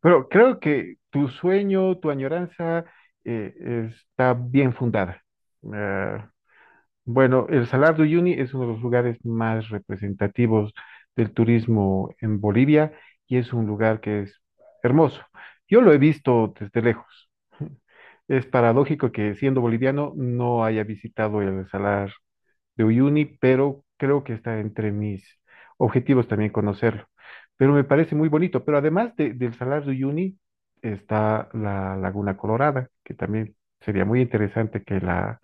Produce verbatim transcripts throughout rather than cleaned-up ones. Pero creo que tu sueño, tu añoranza eh, está bien fundada. Eh, bueno, el Salar de Uyuni es uno de los lugares más representativos del turismo en Bolivia y es un lugar que es hermoso. Yo lo he visto desde lejos. Es paradójico que siendo boliviano no haya visitado el Salar de Uyuni, pero creo que está entre mis objetivos también conocerlo. Pero me parece muy bonito. Pero además de- del Salar de Uyuni está la Laguna Colorada, que también sería muy interesante que la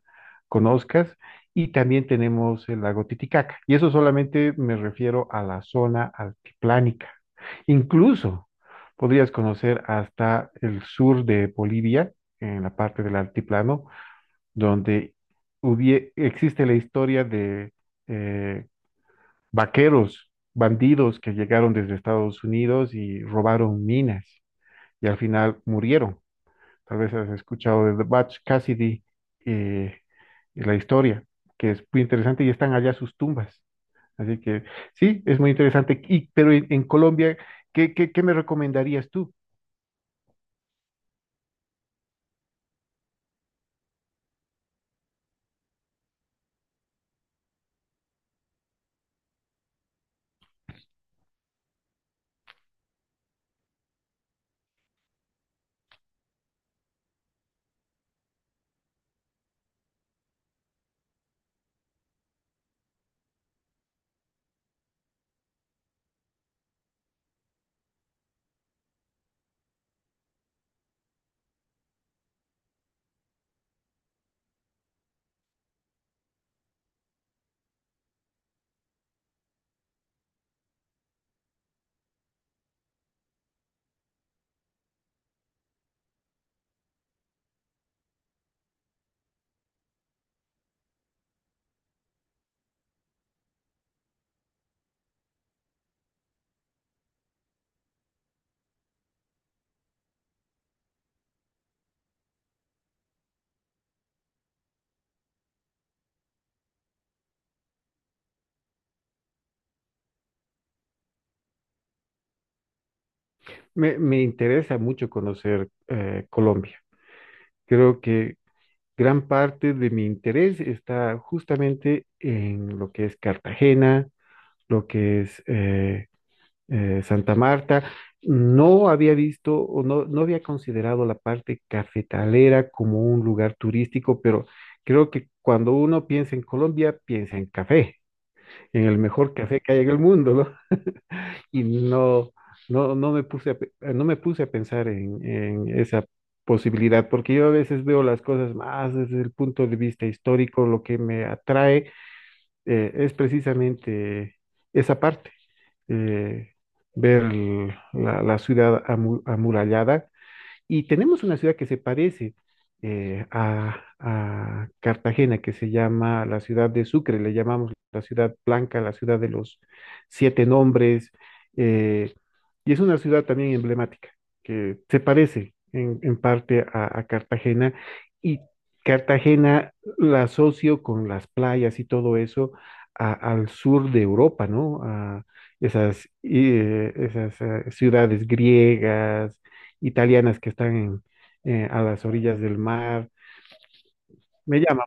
conozcas. Y también tenemos el lago Titicaca. Y eso solamente me refiero a la zona altiplánica. Incluso podrías conocer hasta el sur de Bolivia, en la parte del altiplano donde hubie- existe la historia de eh, vaqueros, bandidos que llegaron desde Estados Unidos y robaron minas y al final murieron. Tal vez has escuchado de The Butch Cassidy eh, y la historia, que es muy interesante y están allá sus tumbas. Así que sí, es muy interesante. Y, pero en, en Colombia, ¿qué, qué, qué me recomendarías tú? Me, me interesa mucho conocer eh, Colombia. Creo que gran parte de mi interés está justamente en lo que es Cartagena, lo que es eh, eh, Santa Marta. No había visto o no, no había considerado la parte cafetalera como un lugar turístico, pero creo que cuando uno piensa en Colombia, piensa en café, en el mejor café que hay en el mundo, ¿no? Y no, no, no me puse a, pe- eh, no me puse a pensar en, en esa posibilidad, porque yo a veces veo las cosas más desde el punto de vista histórico, lo que me atrae eh, es precisamente esa parte, eh, ver el- la, la ciudad amu- amurallada, y tenemos una ciudad que se parece eh, a, a Cartagena, que se llama la ciudad de Sucre. Le llamamos la ciudad blanca, la ciudad de los siete nombres, eh, y es una ciudad también emblemática, que se parece en, en parte a, a Cartagena, y Cartagena la asocio con las playas y todo eso a- al sur de Europa, ¿no? A esas, eh, esas eh, ciudades griegas, italianas que están en, eh, a las orillas del mar. Me llama,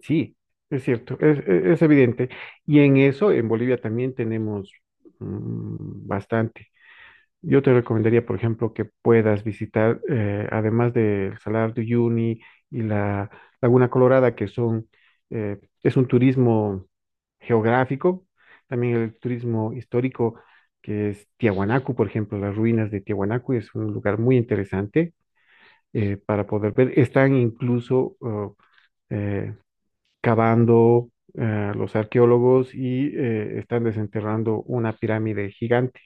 sí, es cierto, es, es- es evidente. Y en eso, en Bolivia también tenemos mm, bastante. Yo te recomendaría, por ejemplo, que puedas visitar, eh, además del Salar de Uyuni y la Laguna Colorada, que son, eh, es un turismo geográfico, también el turismo histórico, que es Tiahuanacu, por ejemplo. Las ruinas de Tiahuanacu es un lugar muy interesante eh, para poder ver. Están incluso oh, eh, cavando eh, los arqueólogos y eh, están desenterrando una pirámide gigante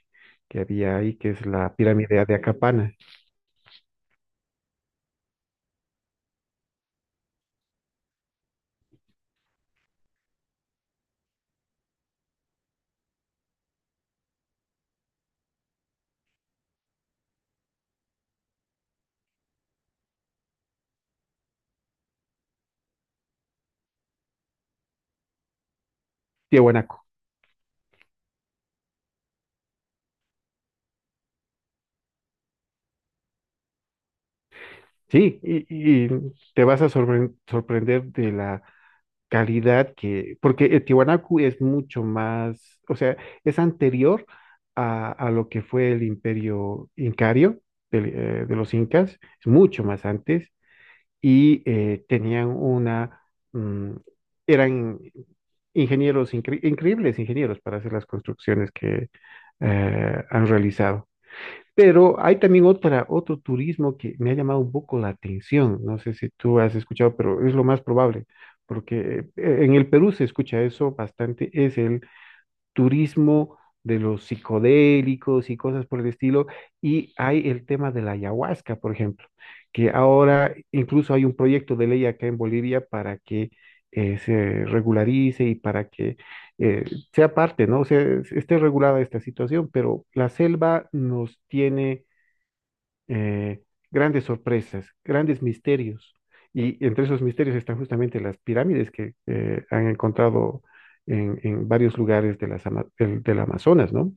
que había ahí, que es la pirámide de Acapana, Tiahuanaco. Sí, y, y te vas a sorpre- sorprender de la calidad, que porque eh, Tiahuanaco es mucho más, o sea, es anterior a, a lo que fue el imperio incario del, eh, de, los incas. Es mucho más antes, y eh, tenían una, mm, eran ingenieros, incre- increíbles ingenieros para hacer las construcciones que eh, han realizado. Pero hay también otra, otro turismo que me ha llamado un poco la atención. No sé si tú has escuchado, pero es lo más probable, porque eh, en el Perú se escucha eso bastante. Es el turismo de los psicodélicos y cosas por el estilo. Y hay el tema de la ayahuasca, por ejemplo, que ahora incluso hay un proyecto de ley acá en Bolivia para que eh, se regularice y para que eh, sea parte, ¿no? O sea, es- esté regulada esta situación. Pero la selva nos tiene eh, grandes sorpresas, grandes misterios. Y entre esos misterios están justamente las pirámides que eh, han encontrado en, en, varios lugares de las ama- del, del Amazonas, ¿no?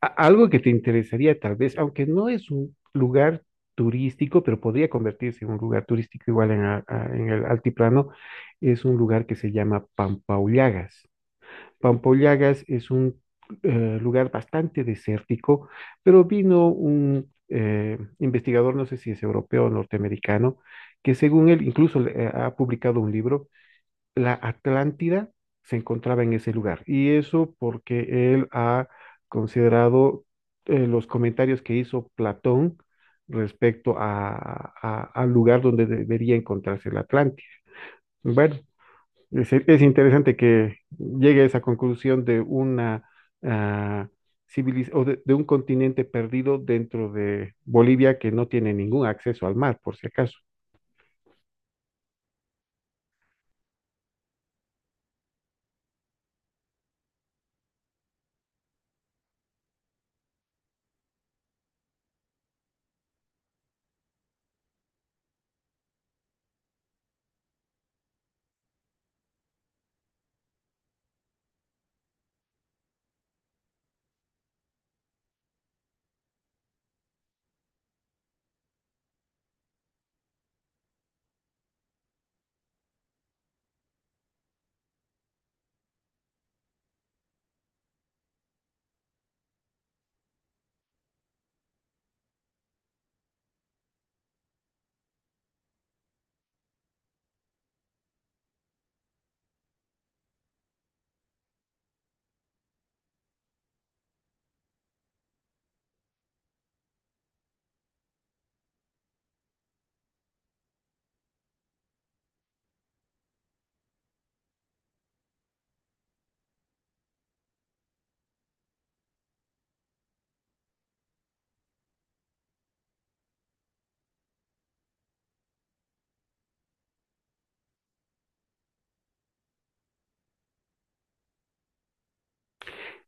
A- algo que te interesaría tal vez, aunque no es un lugar turístico, pero podría convertirse en un lugar turístico igual en, a- a- en el altiplano, es un lugar que se llama Pampaullagas. Pampollagas es un eh, lugar bastante desértico, pero vino un eh, investigador, no sé si es europeo o norteamericano, que según él incluso eh, ha publicado un libro. La Atlántida se encontraba en ese lugar. Y eso porque él ha considerado eh, los comentarios que hizo Platón respecto a, a- al lugar donde debería encontrarse la Atlántida. Bueno, es, es interesante que llegue a esa conclusión de una ah, civiliz- o de, de un continente perdido dentro de Bolivia que no tiene ningún acceso al mar, por si acaso.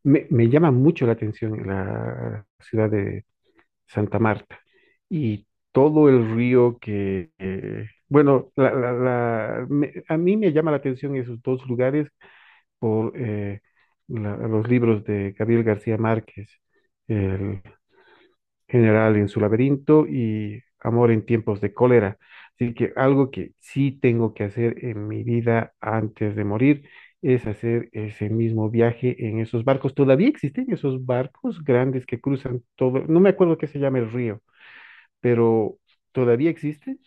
Me, me llama mucho la atención la ciudad de Santa Marta y todo el río que, eh, bueno, la- la- la- me- a mí me llama la atención esos dos lugares por eh, la- los libros de Gabriel García Márquez, general en su laberinto y amor en tiempos de cólera. Así que algo que sí tengo que hacer en mi vida antes de morir es hacer ese mismo viaje en esos barcos. Todavía existen esos barcos grandes que cruzan todo, no me acuerdo qué se llama el río, pero todavía existen.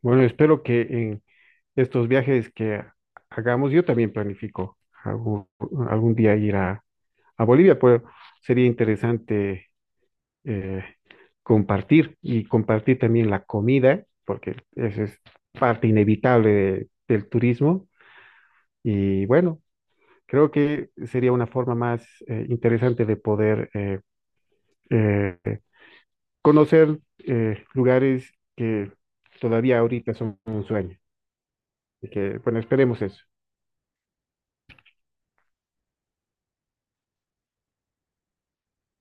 Bueno, espero que en estos viajes que hagamos, yo también planifico algún, algún día ir a, a Bolivia, pero sería interesante eh, compartir y compartir también la comida, porque esa es parte inevitable de- del turismo. Y bueno, creo que sería una forma más eh, interesante de poder eh, eh, conocer eh, lugares que todavía ahorita son un sueño. Y que, bueno, esperemos eso.